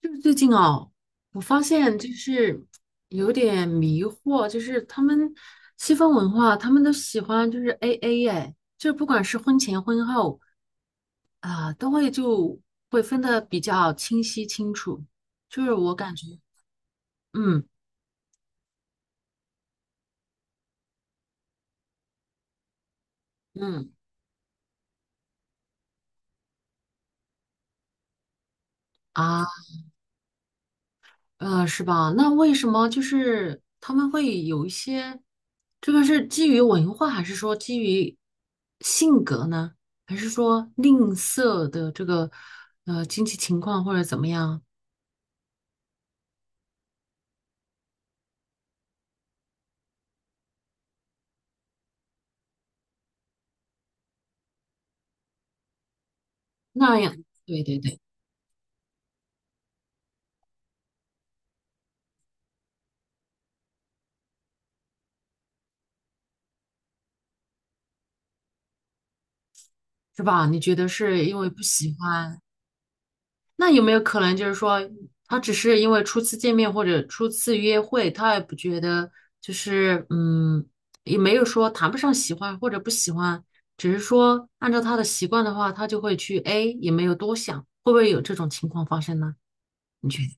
就是最近哦，我发现就是有点迷惑，就是他们西方文化，他们都喜欢就是 AA 哎，就不管是婚前婚后啊、都会就会分得比较清晰清楚。就是我感觉，嗯嗯啊。是吧？那为什么就是他们会有一些，这个是基于文化，还是说基于性格呢？还是说吝啬的这个经济情况或者怎么样？那样，对对对，是吧？你觉得是因为不喜欢？那有没有可能就是说，他只是因为初次见面或者初次约会，他也不觉得就是也没有说谈不上喜欢或者不喜欢，只是说按照他的习惯的话，他就会去 A，也没有多想，会不会有这种情况发生呢？你觉得？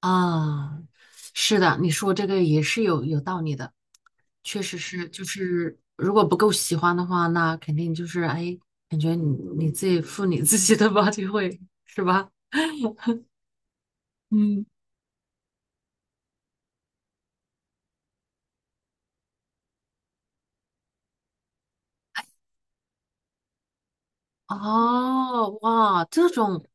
啊，是的，你说这个也是有道理的，确实是，就是如果不够喜欢的话，那肯定就是哎，感觉你自己负你自己的吧，就会是吧？嗯。哦，哇，这种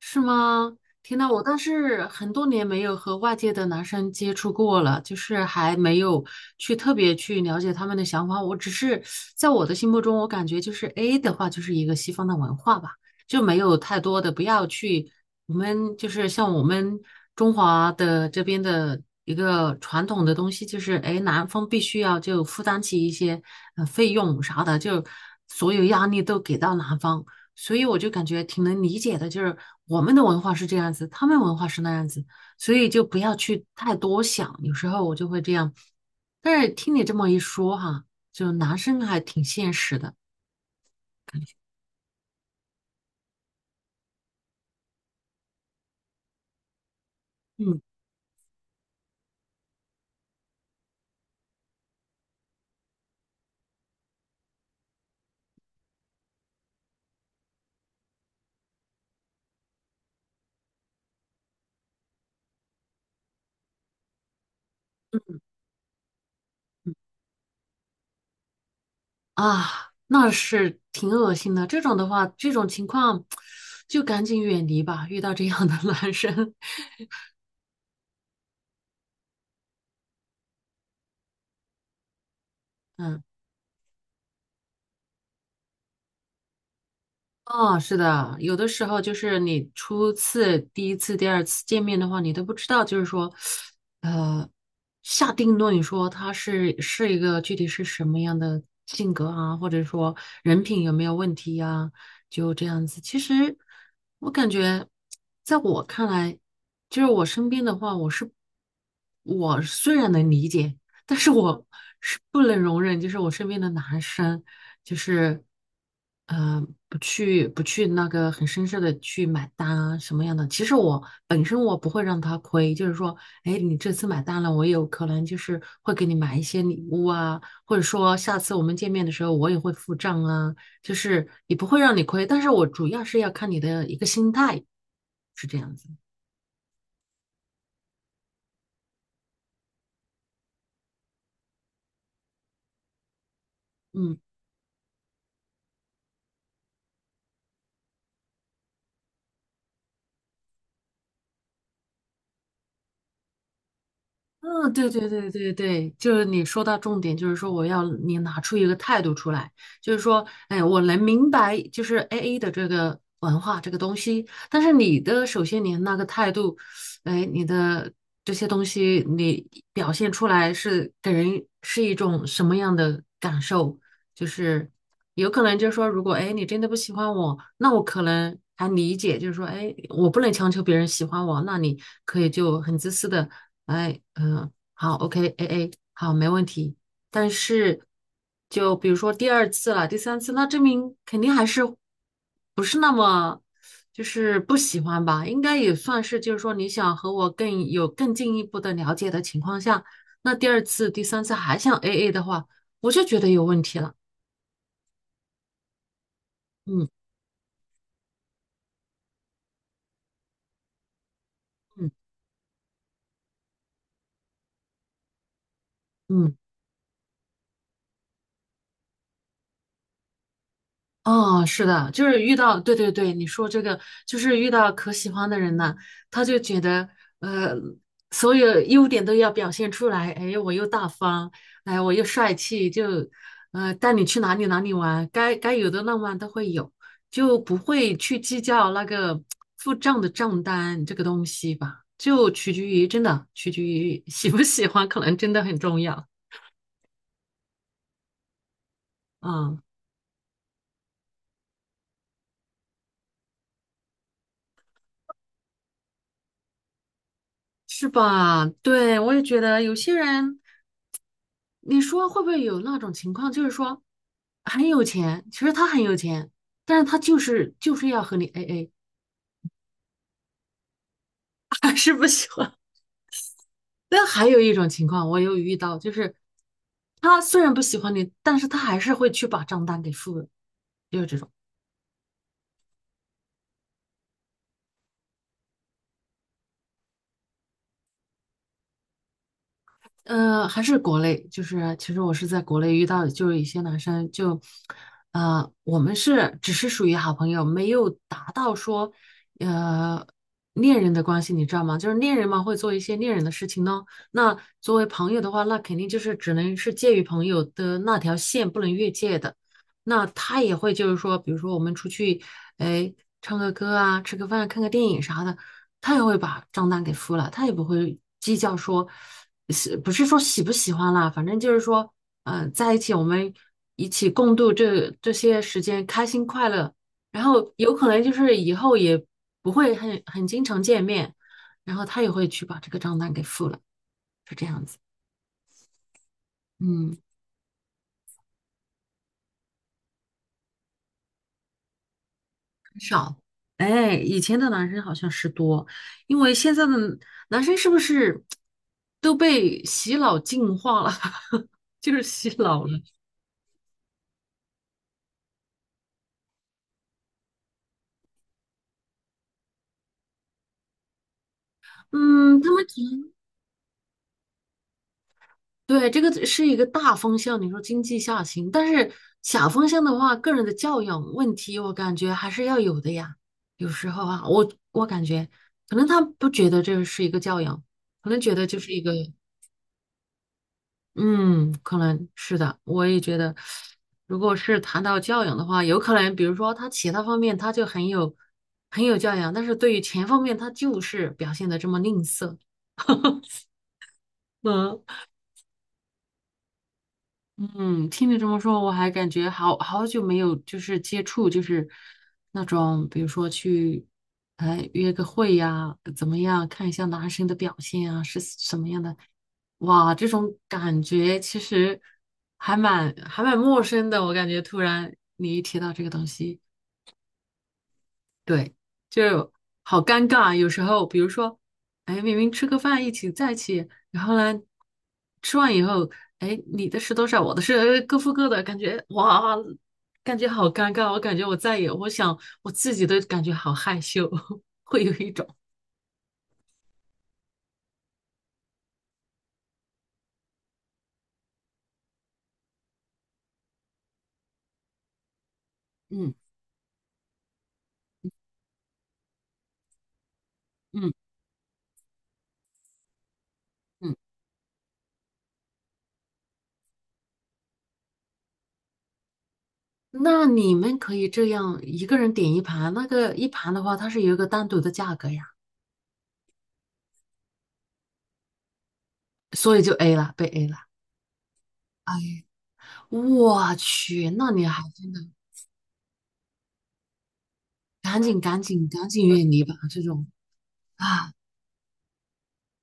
是吗？天呐，我倒是很多年没有和外界的男生接触过了，就是还没有去特别去了解他们的想法。我只是在我的心目中，我感觉就是 A 的话，就是一个西方的文化吧，就没有太多的不要去我们就是像我们中华的这边的一个传统的东西，就是哎，男方必须要就负担起一些费用啥的，就所有压力都给到男方。所以我就感觉挺能理解的，就是我们的文化是这样子，他们文化是那样子，所以就不要去太多想。有时候我就会这样，但是听你这么一说哈，就男生还挺现实的，嗯嗯啊，那是挺恶心的。这种的话，这种情况 就赶紧远离吧，遇到这样的 男生，嗯。哦，是的，有的时候就是你初次、第一次、第二次见面的话，你都不知道，就是说，呃，下定论说他是一个具体是什么样的性格啊，或者说人品有没有问题呀、就这样子。其实我感觉，在我看来，就是我身边的话，我虽然能理解，但是我是不能容忍，就是我身边的男生。就是，不去那个很绅士的去买单啊，什么样的？其实我本身我不会让他亏，就是说，哎，你这次买单了，我有可能就是会给你买一些礼物啊，或者说下次我们见面的时候我也会付账啊，就是也不会让你亏，但是我主要是要看你的一个心态，是这样子。嗯。嗯，对对对对对，就是你说到重点，就是说我要你拿出一个态度出来，就是说，哎，我能明白，就是 AA 的这个文化这个东西，但是首先你那个态度，哎，你的这些东西你表现出来是给人是一种什么样的感受？就是。有可能就是说，如果哎你真的不喜欢我，那我可能还理解，就是说，哎，我不能强求别人喜欢我，那你可以就很自私的，哎，嗯、好，OK，A A，好，没问题。但是，就比如说第二次了，第三次，那证明肯定还是不是那么就是不喜欢吧？应该也算是，就是说你想和我更进一步的了解的情况下，那第二次、第三次还想 A A 的话，我就觉得有问题了。嗯。嗯嗯，哦，是的，就是遇到，对对对，你说这个就是遇到可喜欢的人呢，他就觉得呃，所有优点都要表现出来，哎，我又大方，哎，我又帅气，就带你去哪里哪里玩，该有的浪漫都会有，就不会去计较那个付账的账单这个东西吧，就取决于真的取决于喜不喜欢，可能真的很重要。嗯，是吧？对，我也觉得有些人。你说会不会有那种情况，就是说很有钱，其实他很有钱，但是他就是要和你 AA，还是不喜欢。但还有一种情况，我有遇到，就是他虽然不喜欢你，但是他还是会去把账单给付了。还是国内，就是其实我是在国内遇到，就是一些男生就，我们只是属于好朋友，没有达到说，呃，恋人的关系，你知道吗？就是恋人嘛，会做一些恋人的事情呢。那作为朋友的话，那肯定就是只能是介于朋友的那条线，不能越界的。那他也会就是说，比如说我们出去，哎，唱个歌啊，吃个饭，看个电影啥的，他也会把账单给付了，他也不会计较说。不是说喜不喜欢啦，反正就是说，在一起我们一起共度这些时间，开心快乐。然后有可能就是以后也不会很经常见面，然后他也会去把这个账单给付了，是这样子。嗯，哎，以前的男生好像是多，因为现在的男生是不是都被洗脑净化了，就是洗脑了。嗯，对，这个是一个大方向，你说经济下行，但是小方向的话，个人的教养问题，我感觉还是要有的呀。有时候啊，我感觉可能他不觉得这是一个教养，可能觉得就是一个，嗯，可能是的。我也觉得，如果是谈到教养的话，有可能，比如说他其他方面他就很有教养，但是对于钱方面他就是表现的这么吝啬。嗯嗯，听你这么说，我还感觉好久没有就是接触，就是那种比如说去，哎约个会呀，怎么样，看一下男生的表现啊，是什么样的？哇，这种感觉其实还蛮陌生的，我感觉突然你一提到这个东西。对，就好尴尬啊。有时候，比如说，哎，明明吃个饭在一起，然后呢，吃完以后，哎，你的是多少，我的是各付各的，感觉哇，感觉好尴尬。我感觉我再也，我想我自己都感觉好害羞，会有一种，嗯嗯嗯。那你们可以这样一个人点一盘，那个一盘的话，它是有一个单独的价格呀，所以就 A 了，被 A 了。哎呀，我去，那你还真的。赶紧赶紧赶紧远离吧！这种啊，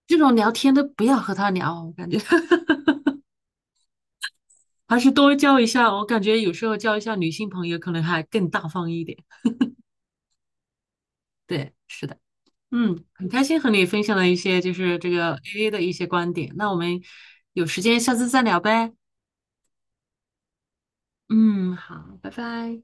这种聊天都不要和他聊，我感觉 还是多交一下。我感觉有时候交一下女性朋友可能还更大方一点。对，是的，嗯，很开心和你分享了一些就是这个 AA 的一些观点。那我们有时间下次再聊呗。嗯，好，拜拜。